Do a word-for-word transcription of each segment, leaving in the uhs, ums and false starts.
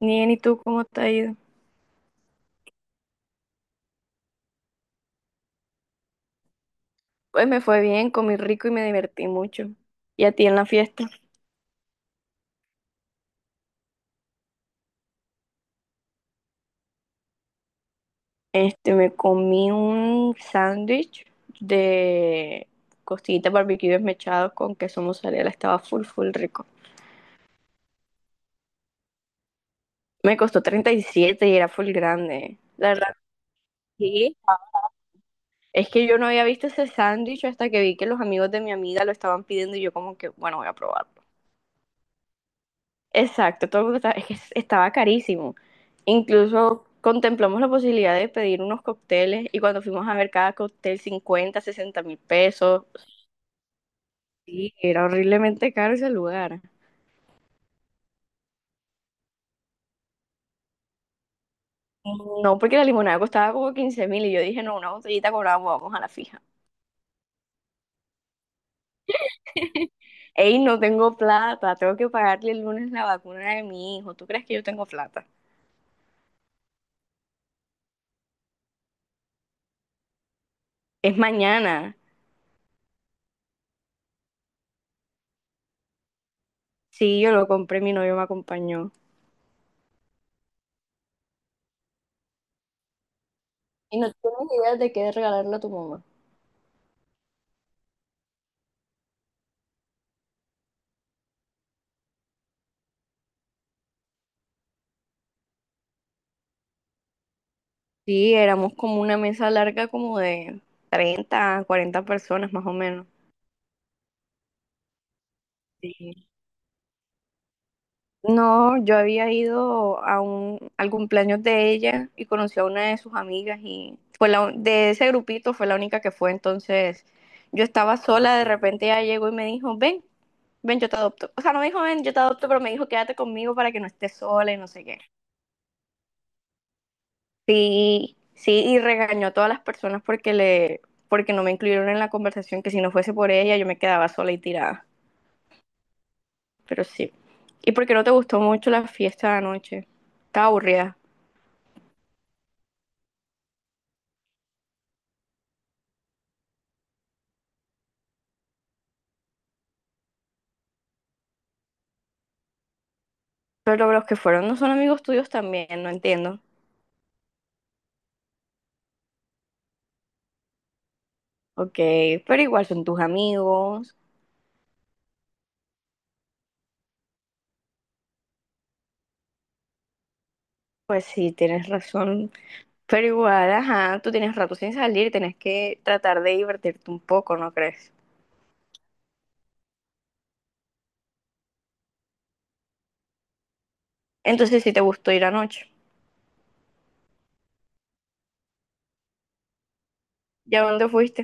Bien, ¿y tú cómo te ha ido? Pues me fue bien, comí rico y me divertí mucho. ¿Y a ti en la fiesta? Este, me comí un sándwich de costillitas barbecue desmechados con queso mozzarella, estaba full, full rico. Me costó treinta y siete y era full grande. La verdad, sí. Es que yo no había visto ese sándwich hasta que vi que los amigos de mi amiga lo estaban pidiendo y yo como que, bueno, voy a probar. Exacto, todo el mundo estaba, es que estaba carísimo. Incluso contemplamos la posibilidad de pedir unos cócteles y cuando fuimos a ver cada cóctel cincuenta, sesenta mil pesos. Sí, era horriblemente caro ese lugar. No, porque la limonada costaba como quince mil y yo dije, no, una botellita con agua, vamos a la fija. Ey, no tengo plata, tengo que pagarle el lunes la vacuna de mi hijo. ¿Tú crees que yo tengo plata? Es mañana. Sí, yo lo compré, mi novio me acompañó. ¿Y no tienes idea de qué regalarle a tu mamá? Sí, éramos como una mesa larga como de treinta, cuarenta personas más o menos. Sí. No, yo había ido a un, al cumpleaños de ella y conocí a una de sus amigas y fue la, un- de ese grupito fue la única que fue. Entonces yo estaba sola, de repente ella llegó y me dijo, ven, ven, yo te adopto. O sea, no me dijo, ven, yo te adopto, pero me dijo, quédate conmigo para que no estés sola y no sé qué. Sí, sí, y regañó a todas las personas porque le, porque no me incluyeron en la conversación, que si no fuese por ella yo me quedaba sola y tirada. Pero sí. ¿Y por qué no te gustó mucho la fiesta de anoche? Estaba aburrida. Pero los que fueron no son amigos tuyos también, no entiendo. Ok, pero igual son tus amigos. Pues sí, tienes razón. Pero igual, ajá, tú tienes rato sin salir, tienes que tratar de divertirte un poco, ¿no crees? Entonces sí te gustó ir anoche. ¿Y a dónde fuiste?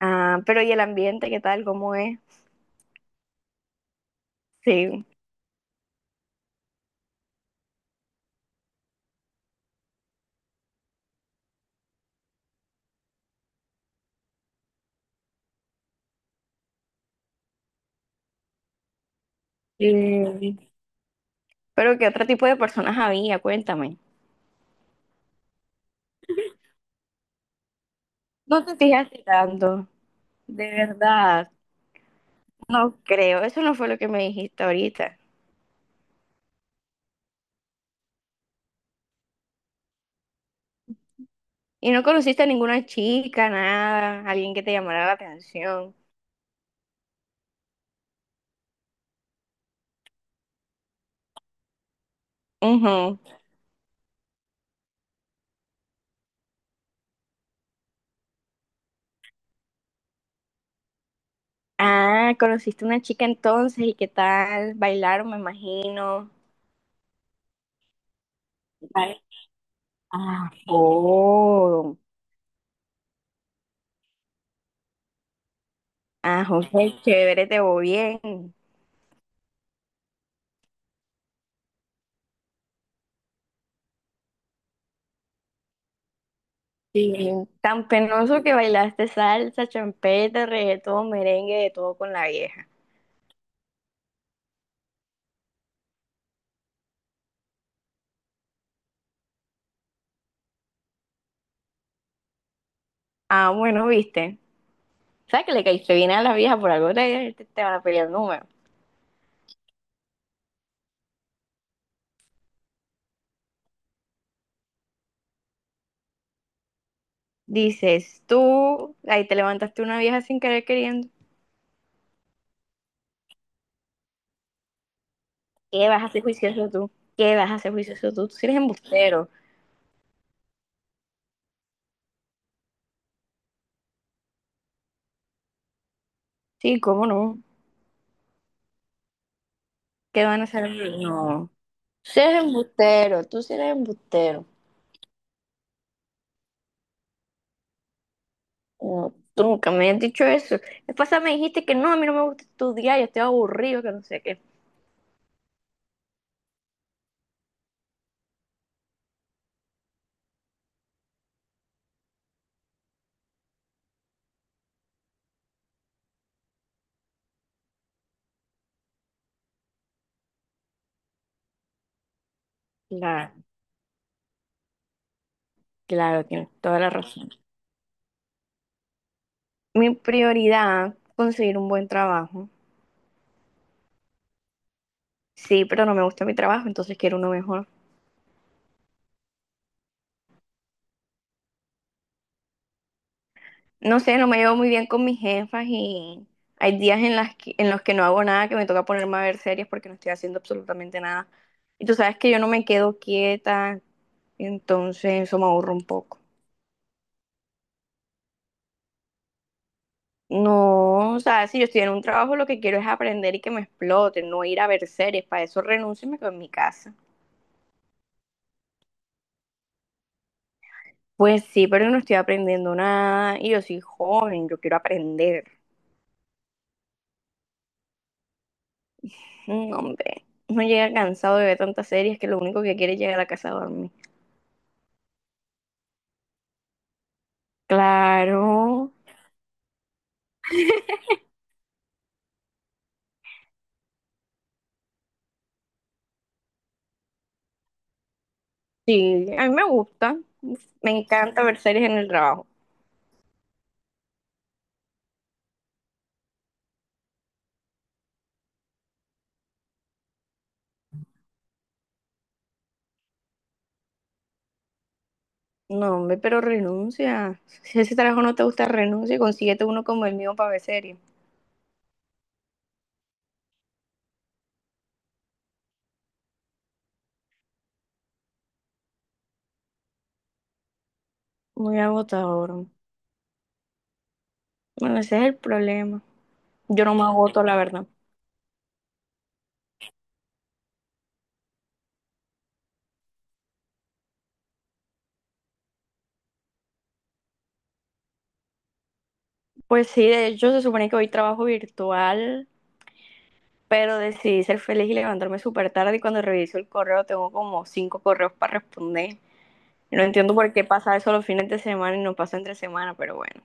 Ah, pero ¿y el ambiente qué tal? ¿Cómo es? Sí. Eh, pero ¿qué otro tipo de personas había? Cuéntame. No te fijaste tanto, de verdad. No creo, eso no fue lo que me dijiste ahorita. Y no conociste a ninguna chica, nada, alguien que te llamara la atención. Ujú. Ah, conociste una chica entonces y qué tal, bailaron, me imagino. Oh, ah, José, chévere, te voy bien. Sí, tan penoso que bailaste salsa, champeta, reggaetón, merengue, de todo con la vieja. Ah, bueno, viste. ¿Sabes que le caíste bien a las viejas por algo? Te, te- te van a pelear el número. Dices tú, ahí te levantaste una vieja sin querer queriendo. ¿Qué vas a hacer juicioso tú? ¿Qué vas a hacer juicioso tú? Tú sí eres embustero. Sí, ¿cómo no? ¿Qué van a hacer? No. Tú sí eres embustero, tú sí eres embustero. No, tú nunca me has dicho eso. La pasada me dijiste que no, a mí no me gusta estudiar, yo estoy aburrido, que no sé qué. Claro, claro, tienes toda la razón. Mi prioridad, conseguir un buen trabajo. Sí, pero no me gusta mi trabajo, entonces quiero uno mejor. No sé, no me llevo muy bien con mis jefas y hay días en las que- en los que no hago nada, que me toca ponerme a ver series porque no estoy haciendo absolutamente nada. Y tú sabes que yo no me quedo quieta, entonces eso me aburre un poco. No, o sea, si yo estoy en un trabajo, lo que quiero es aprender y que me exploten, no ir a ver series. Para eso renuncio y me quedo en mi casa. Pues sí, pero yo no estoy aprendiendo nada y yo soy joven, yo quiero aprender. No, hombre, no llega cansado de ver tantas series que lo único que quiere es llegar a casa a dormir. Claro, sí, a mí me gusta, me encanta ver series en el trabajo. No, hombre, pero renuncia. Si ese trabajo no te gusta, renuncia y consíguete uno como el mío para ver series. Muy agotador. Bueno, ese es el problema. Yo no me agoto, la verdad. Pues sí, de hecho se supone que hoy trabajo virtual, pero decidí ser feliz y levantarme súper tarde y cuando reviso el correo tengo como cinco correos para responder. No entiendo por qué pasa eso los fines de semana y no pasa entre semana, pero bueno.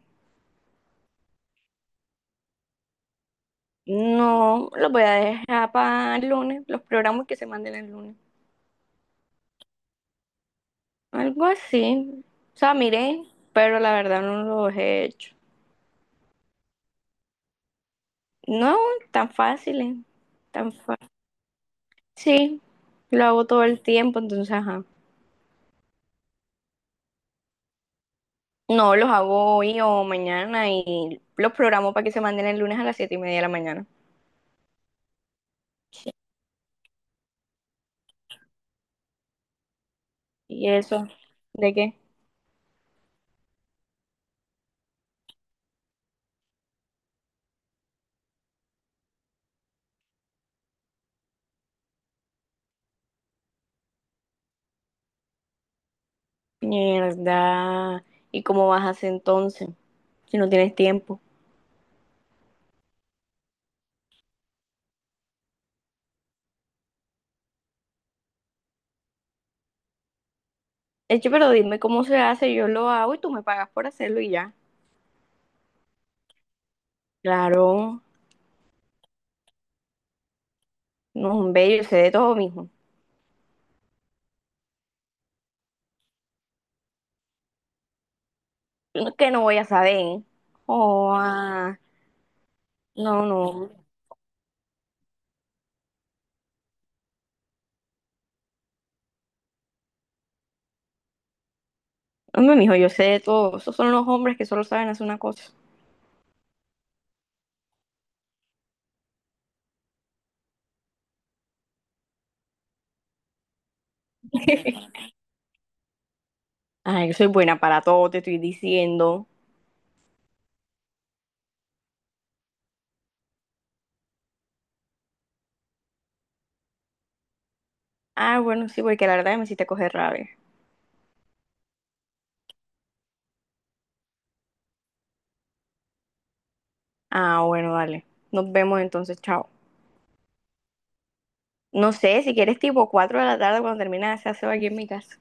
No, los voy a dejar para el lunes, los programas que se manden el lunes. Algo así. O sea, miré, pero la verdad no los he hecho. No, tan fáciles. Tan fácil. Sí, lo hago todo el tiempo, entonces, ajá. No, los hago hoy o mañana y los programo para que se manden el lunes a las siete y media de la mañana. Sí. ¿Y eso? ¿De qué? Mierda. ¿Y cómo vas a hacer entonces? Si no tienes tiempo. Eche, pero dime cómo se hace, yo lo hago y tú me pagas por hacerlo y ya. Claro, no, hombre, yo sé de todo, mijo. Yo no, que no voy a saber. Oh, ah, no, no. Hombre, mijo, yo sé de todo. Esos son los hombres que solo saben hacer una cosa. Ay, yo soy buena para todo, te estoy diciendo. Ah, bueno, sí, porque la verdad me hiciste coger rabia. Ah, bueno, dale. Nos vemos entonces, chao. No sé, si quieres tipo cuatro de la tarde cuando termina se hace aquí en mi casa.